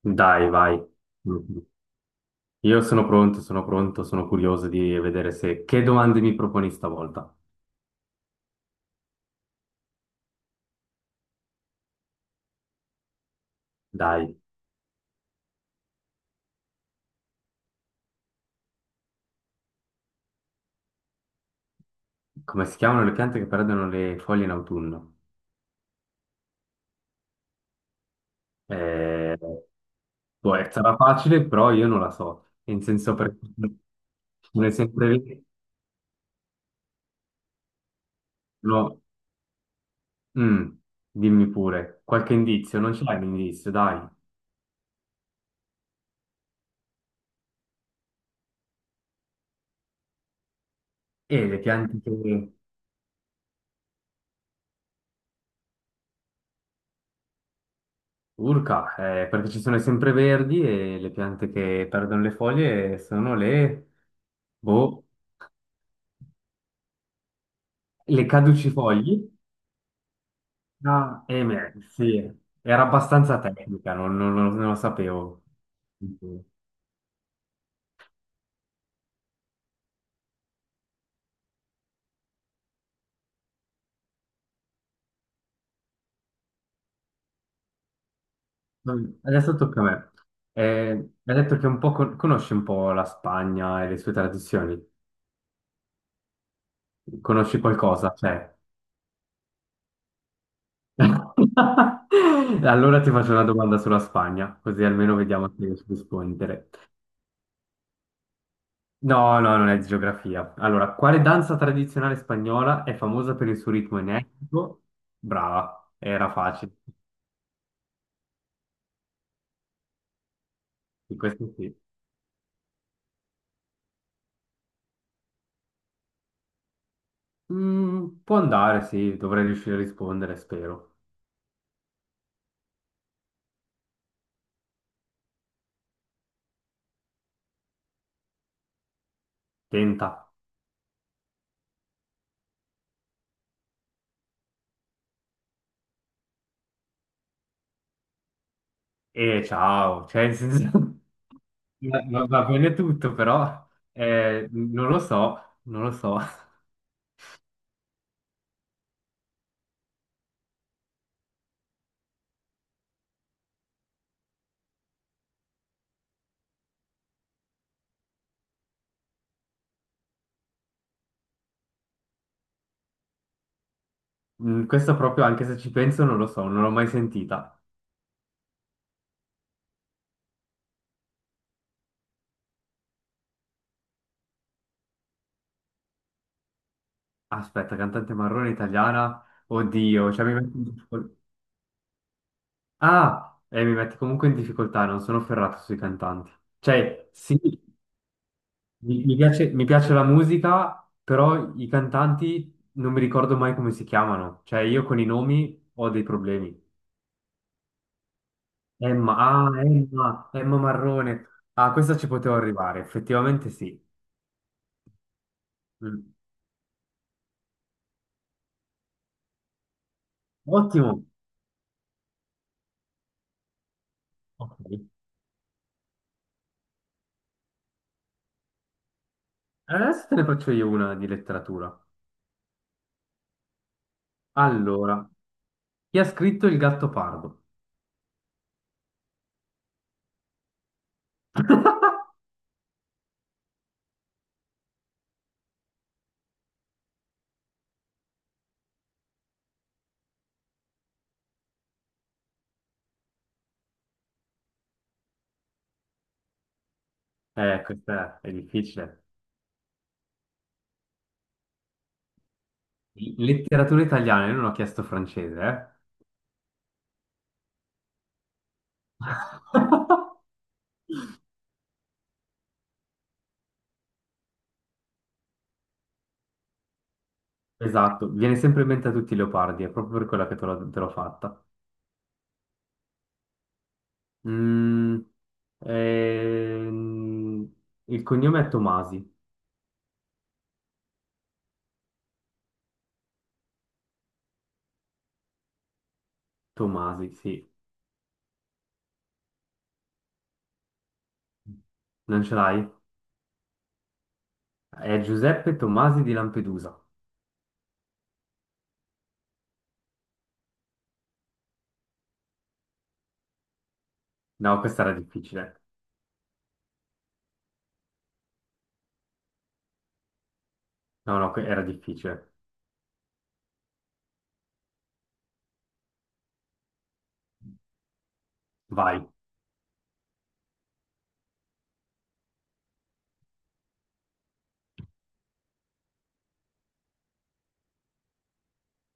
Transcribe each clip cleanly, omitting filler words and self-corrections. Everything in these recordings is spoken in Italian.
Dai, vai. Mhm. Io sono pronto, sono pronto, sono curioso di vedere se... Che domande mi proponi stavolta? Dai, come si chiamano le piante che perdono le foglie in autunno? Eh, Boh, sarà facile, però io non la so. In senso perché non è sempre... lì. No. Mm, Dimmi pure, qualche indizio? Non c'è un indizio, dai. E le piante che... Urca, perché ci sono i sempreverdi e le piante che perdono le foglie sono le, boh, le caducifogli. Ah, beh, sì, era abbastanza tecnica, non lo sapevo. Vabbè, adesso tocca a me. Hai detto che un po' conosci un po' la Spagna e le sue tradizioni. Conosci qualcosa? Cioè. Allora ti faccio una domanda sulla Spagna, così almeno vediamo se riesci a rispondere. No, no, non è geografia. Allora, quale danza tradizionale spagnola è famosa per il suo ritmo energico? Brava, era facile. Di questo sì. Mm, può andare, sì, dovrei riuscire a rispondere, spero. Tenta. E ciao, cioè, nel senso, va bene tutto, però non lo so, non lo so. Mm, questo proprio, anche se ci penso, non lo so, non l'ho mai sentita. Aspetta, cantante marrone italiana? Oddio, cioè mi metti in difficoltà. Ah, e mi metti comunque in difficoltà, non sono ferrato sui cantanti. Cioè, sì, mi piace, mi piace la musica, però i cantanti non mi ricordo mai come si chiamano. Cioè, io con i nomi ho dei problemi. Emma, ah, Emma, Emma Marrone. Ah, questa ci potevo arrivare, effettivamente sì. Mm. Ottimo. Ok. Adesso te ne faccio io una di letteratura. Allora, chi ha scritto Il Gattopardo? Questa è difficile. Letteratura italiana, io non ho chiesto francese, eh? Esatto, viene sempre in mente a tutti i leopardi, è proprio per quella che te l'ho fatta. Mm, ehm, il cognome è Tomasi. Tomasi, sì. Non ce l'hai? È Giuseppe Tomasi di Lampedusa. No, questa era difficile. No, no, era difficile. Vai.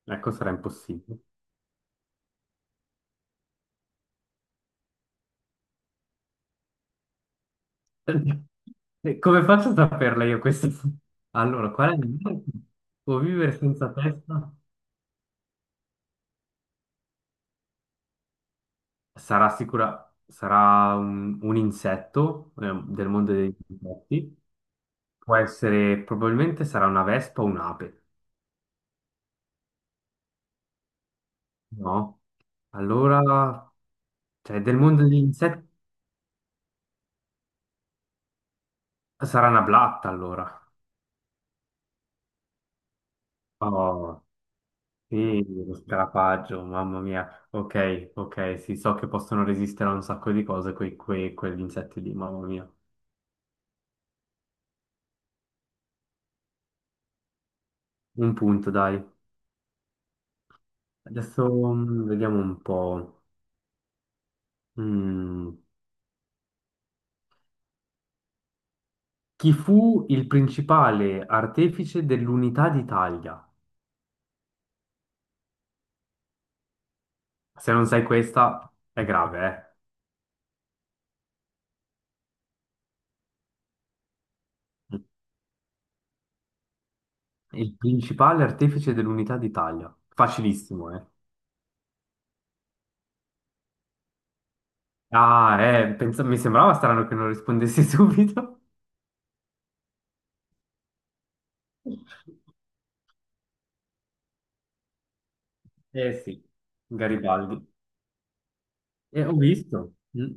Ecco, sarà impossibile. Come faccio a saperla io questa? Allora, qual è il può vivere senza testa? Sarà sicura, sarà un insetto del mondo degli insetti. Può essere, probabilmente sarà una vespa o un'ape, no? Allora, cioè, del mondo degli insetti sarà una blatta, allora. Oh, sì, lo scarafaggio, mamma mia. Ok, ok, sì, so che possono resistere a un sacco di cose quegli insetti lì, mamma mia. Un punto, dai. Adesso vediamo un po'. Mm. Chi fu il principale artefice dell'unità d'Italia? Se non sai questa, è grave, eh? Il principale artefice dell'unità d'Italia. Facilissimo, eh? Ah, mi sembrava strano che non rispondessi subito. Eh sì, Garibaldi. E ho visto. Mm.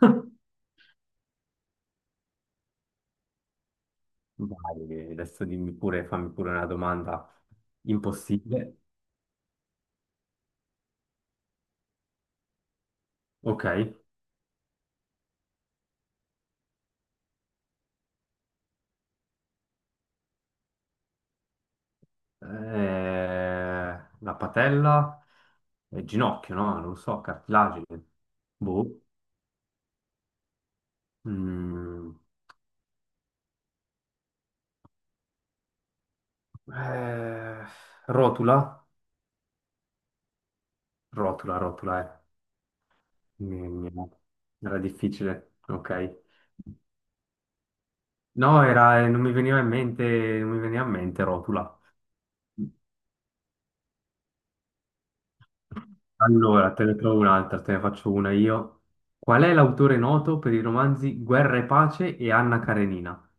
Vai, adesso dimmi pure, fammi pure una domanda impossibile. Ok. Eh, la patella e il ginocchio, no? Non lo so, cartilagine. Boh. Mm. Eh, rotula? Rotula, eh. Mi- mi- Era difficile, ok. No, era, non mi veniva in mente, non mi veniva in mente rotula. Allora, te ne trovo un'altra, te ne faccio una io. Qual è l'autore noto per i romanzi Guerra e Pace e Anna Karenina?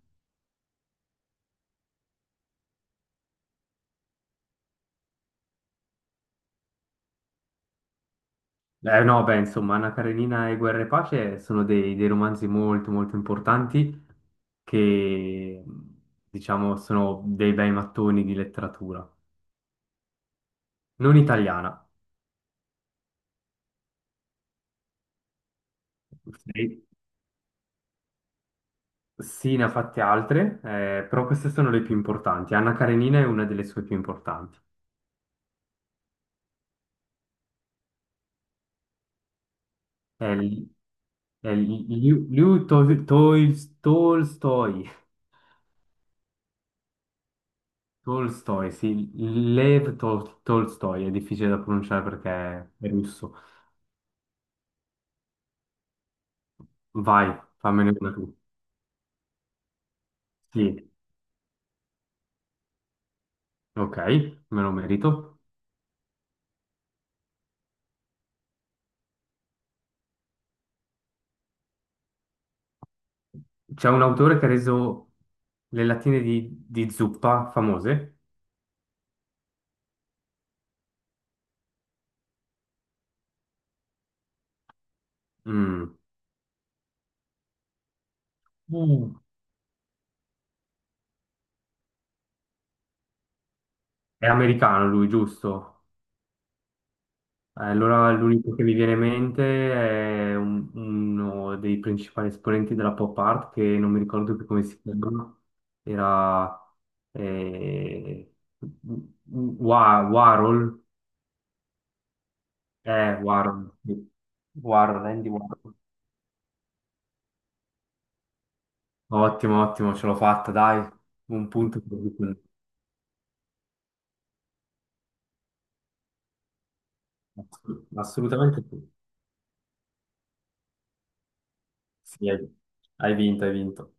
Eh no, beh, insomma, Anna Karenina e Guerra e Pace sono dei romanzi molto molto importanti che, diciamo, sono dei bei mattoni di letteratura. Non italiana. Sì, sì, ne ha fatte altre, però queste sono le più importanti. Anna Karenina è una delle sue più importanti. È, l- è l- Liu, Liu Tol- Tol- Tolstoi, Tolstoi, sì, Lev Tolstoi, è difficile da pronunciare perché è russo. Vai, fammene una tu. Sì, ok, me lo merito. C'è un autore che ha reso le lattine di zuppa famose. Mm. Uh, è americano lui, giusto? Allora l'unico che mi viene in mente è uno dei principali esponenti della pop art, che non mi ricordo più come si chiama. Era eh, Warhol. Warhol, sì. Warhol, Andy Warhol. Ottimo, ottimo, ce l'ho fatta, dai. Un punto, per tutti. Assolutamente sì. Sì, hai vinto, hai vinto.